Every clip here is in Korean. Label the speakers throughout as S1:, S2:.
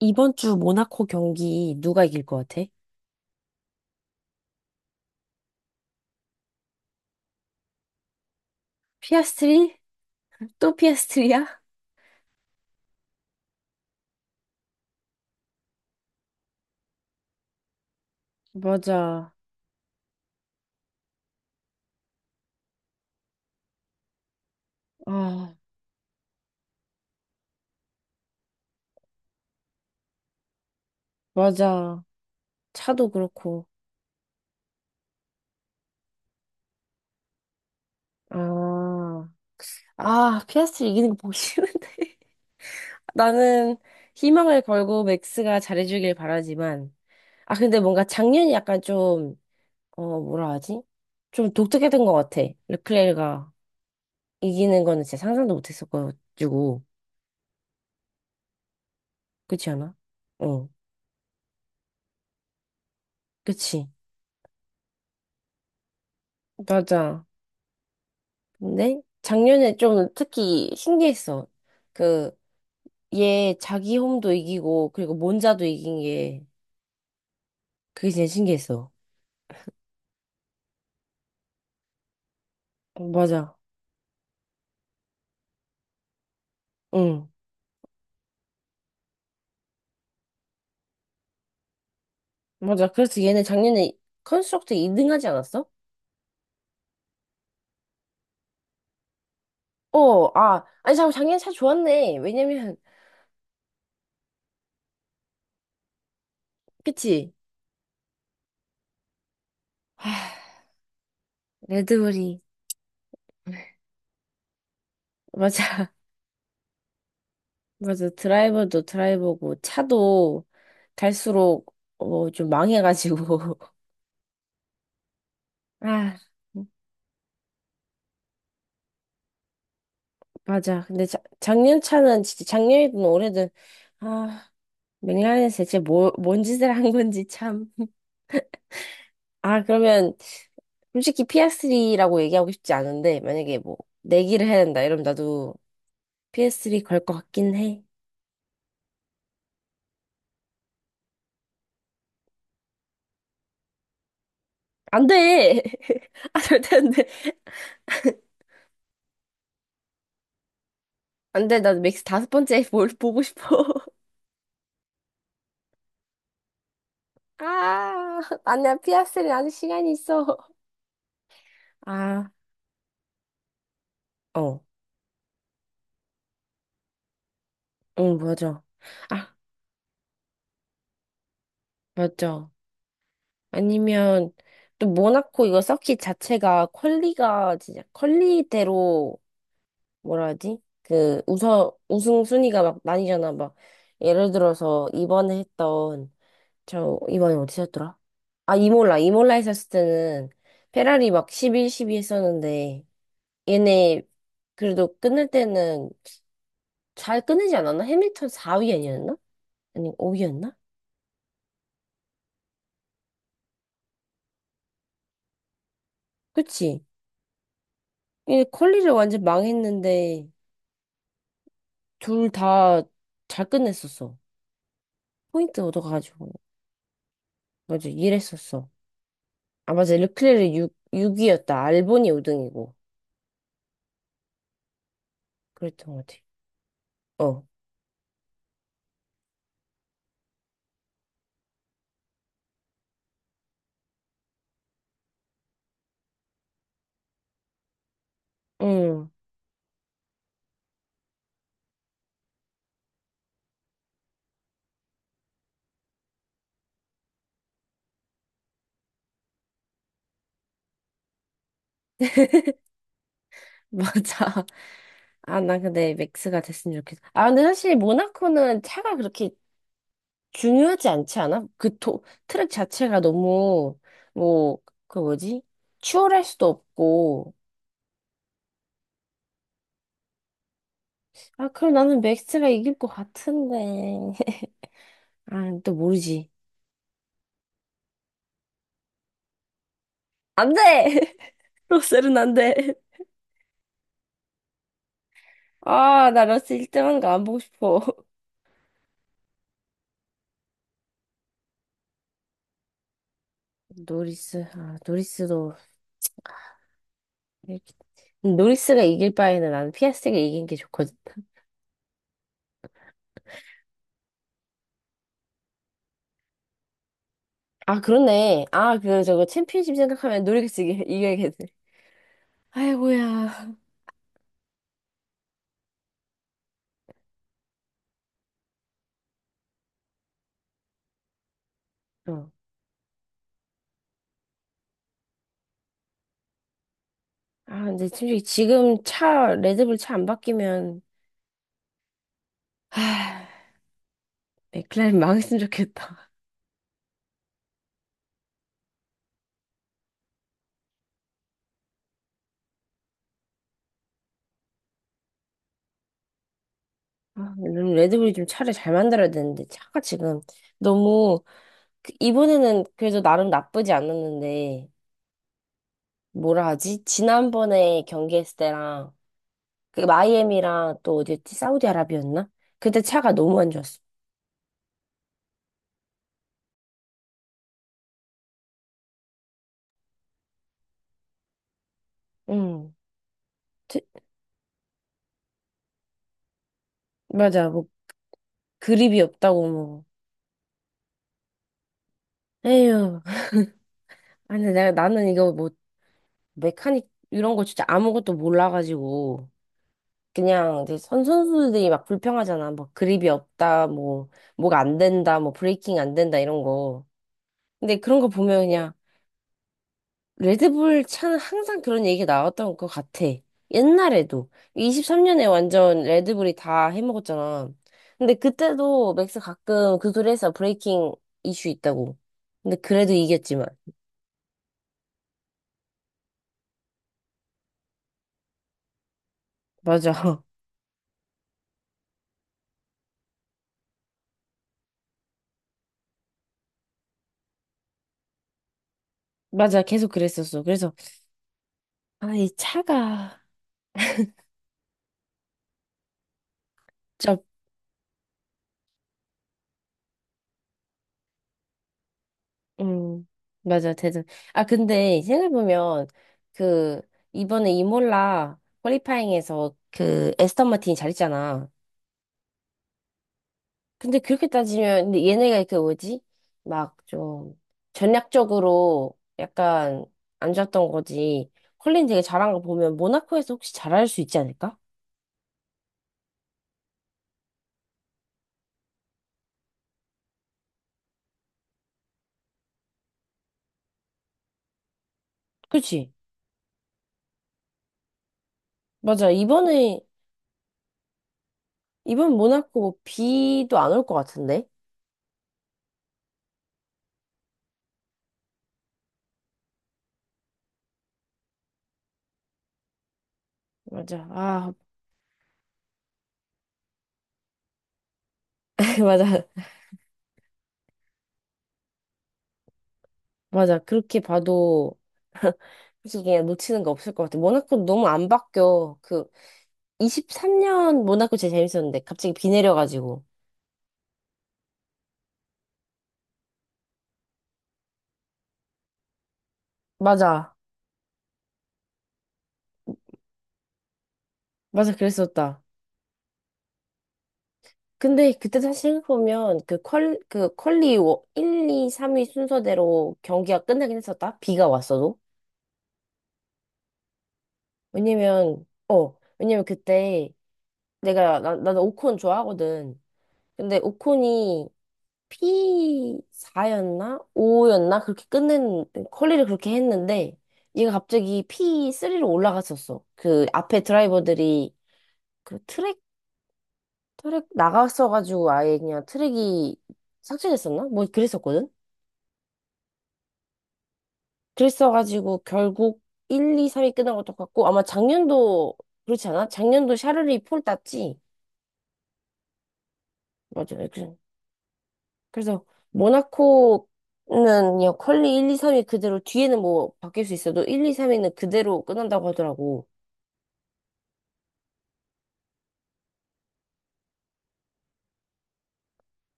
S1: 이번 주 모나코 경기 누가 이길 것 같아? 피아스트리? 또 피아스트리야? 맞아. 아, 맞아. 차도 그렇고. 아, 아, 피아스트리 이기는 거 보기 싫은데. 나는 희망을 걸고 맥스가 잘해주길 바라지만. 아, 근데 뭔가 작년이 약간 좀, 어, 뭐라 하지? 좀 독특했던 것 같아. 르클레르가 이기는 거는 진짜 상상도 못 했었가지고. 그렇지 않아? 어, 그치. 맞아. 근데 작년에 좀 특히 신기했어. 그, 얘 자기 홈도 이기고, 그리고 몬자도 이긴 게, 그게 제일 신기했어. 어, 맞아. 응. 맞아. 그래서 얘는 작년에 컨스트럭트 2등 하지 않았어? 어, 아. 아니, 잠깐, 작년에 차 좋았네. 왜냐면, 그치? 하, 레드불이. 맞아. 맞아. 드라이버도 드라이버고, 차도 갈수록, 어, 좀 망해가지고. 아. 맞아. 근데 작년 차는 진짜 작년이든 올해든 아 맥라렌에서 대체 뭔 짓을 한 건지 참. 아 그러면 솔직히 PS3라고 얘기하고 싶지 않은데 만약에 뭐 내기를 해야 된다 이러면 나도 PS3 걸 것 같긴 해. 안 돼. 아 절대 안 돼. 안 돼. 나도 맥스 다섯 번째 뭘 보고 싶어. 아 아니야 PS3 아직 시간이 있어. 아 어. 응 맞아. 아 맞아. 아니면 또 모나코 이거 서킷 자체가 퀄리가 진짜 퀄리대로 뭐라 하지? 그 우선 우승 순위가 막 나뉘잖아. 막 예를 들어서 이번에 했던 저 이번에 어디서 했더라? 아 이몰라 했었을 때는 페라리 막 11, 12 했었는데 얘네 그래도 끝낼 때는 잘 끝내지 않았나? 해밀턴 4위 아니었나? 아니 5위였나? 그치? 얘네 퀄리를 완전 망했는데 둘 다 잘 끝냈었어. 포인트 얻어가지고. 맞아, 일했었어. 아, 맞아. 르클레르 6위였다. 알보니 5등이고. 그랬던 것 같아. 어. 응, 맞아. 아, 난 근데 맥스가 됐으면 좋겠어. 아, 근데 사실 모나코는 차가 그렇게 중요하지 않지 않아? 트랙 자체가 너무, 뭐, 그 뭐지? 추월할 수도 없고. 아, 그럼 나는 맥스가 이길 것 같은데. 아, 또 모르지. 안 돼! 로셀은 안 돼. 아, 나 러셀 1등 하는 거 안 보고 싶어. 노리스, 아, 노리스도, 이렇게- 노리스가 이길 바에는 나는 피아스트가 이긴 게 좋거든. 아, 그렇네. 아, 그, 저거 챔피언십 생각하면 이겨야겠네. 아이고야. 어. 아, 근데 솔직히 지금 레드불 차 안 바뀌면, 하, 맥클라렌 망했으면 좋겠다. 아, 요즘 레드불이 좀 차를 잘 만들어야 되는데, 차가 지금 너무, 이번에는 그래도 나름 나쁘지 않았는데, 뭐라 하지? 지난번에 경기했을 때랑 그 마이애미랑 또 어디였지? 사우디아라비였나? 그때 차가 너무 안 좋았어. 응. 트- 맞아. 뭐 그립이 없다고 뭐. 에휴. 아니 내가 나는 이거 뭐 메카닉 이런 거 진짜 아무것도 몰라가지고 그냥 이제 선 선수들이 막 불평하잖아. 뭐 그립이 없다. 뭐가 안 된다. 뭐 브레이킹 안 된다 이런 거. 근데 그런 거 보면 그냥 레드불 차는 항상 그런 얘기가 나왔던 것 같아. 옛날에도. 23년에 완전 레드불이 다 해먹었잖아. 근데 그때도 맥스 가끔 그 소리 해서 브레이킹 이슈 있다고. 근데 그래도 이겼지만. 맞아. 맞아. 계속 그랬었어. 그래서, 아, 이 차가, 좀, 음, 맞아. 대단. 아, 근데 생각해보면, 그, 이번에 이몰라 퀄리파잉에서 그 에스턴 마틴이 잘했잖아. 근데 그렇게 따지면, 근데 얘네가 그 뭐지? 막 좀 전략적으로 약간 안 좋았던 거지. 컬린 되게 잘한 거 보면 모나코에서 혹시 잘할 수 있지 않을까? 그치? 맞아. 이번에, 이번 모나코 뭐 비도 안 올 것 같은데? 맞아. 아, 맞아. 맞아. 그렇게 봐도 솔직히 그냥 놓치는 거 없을 것 같아. 모나코 너무 안 바뀌어. 그 23년 모나코 제일 재밌었는데 갑자기 비 내려가지고. 맞아. 맞아. 그랬었다. 근데 그때 다시 생각해보면 그 퀄리 1, 2, 3위 순서대로 경기가 끝나긴 했었다? 비가 왔어도? 왜냐면, 어, 왜냐면 그때 나는 오콘 좋아하거든. 근데 오콘이 P4였나? 5였나? 그렇게 끝낸, 퀄리를 그렇게 했는데 얘가 갑자기 P3로 올라갔었어. 그 앞에 드라이버들이 그 트랙 나갔어가지고 아예 그냥 트랙이 삭제됐었나? 뭐 그랬었거든? 그랬어가지고 결국 1, 2, 3이 끝난 것도 같고 아마 작년도 그렇지 않아? 작년도 샤르리 폴 땄지? 맞아. 그래서 모나코는 그냥 퀄리 1, 2, 3이 그대로 뒤에는 뭐 바뀔 수 있어도 1, 2, 3위는 그대로 끝난다고 하더라고.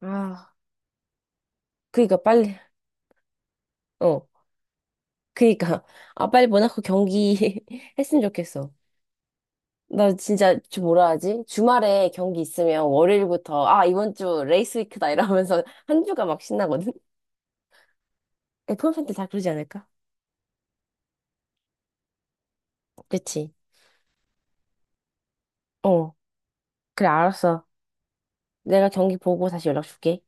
S1: 아, 그러니까 빨리 어 그러니까 아 빨리 모나코 경기 했으면 좋겠어. 나 진짜 저 뭐라 하지? 주말에 경기 있으면 월요일부터 아 이번 주 레이스 위크다 이러면서 한 주가 막 신나거든. F1 팬들 다 그러지 않을까? 그치? 어. 그래, 알았어. 내가 경기 보고 다시 연락 줄게.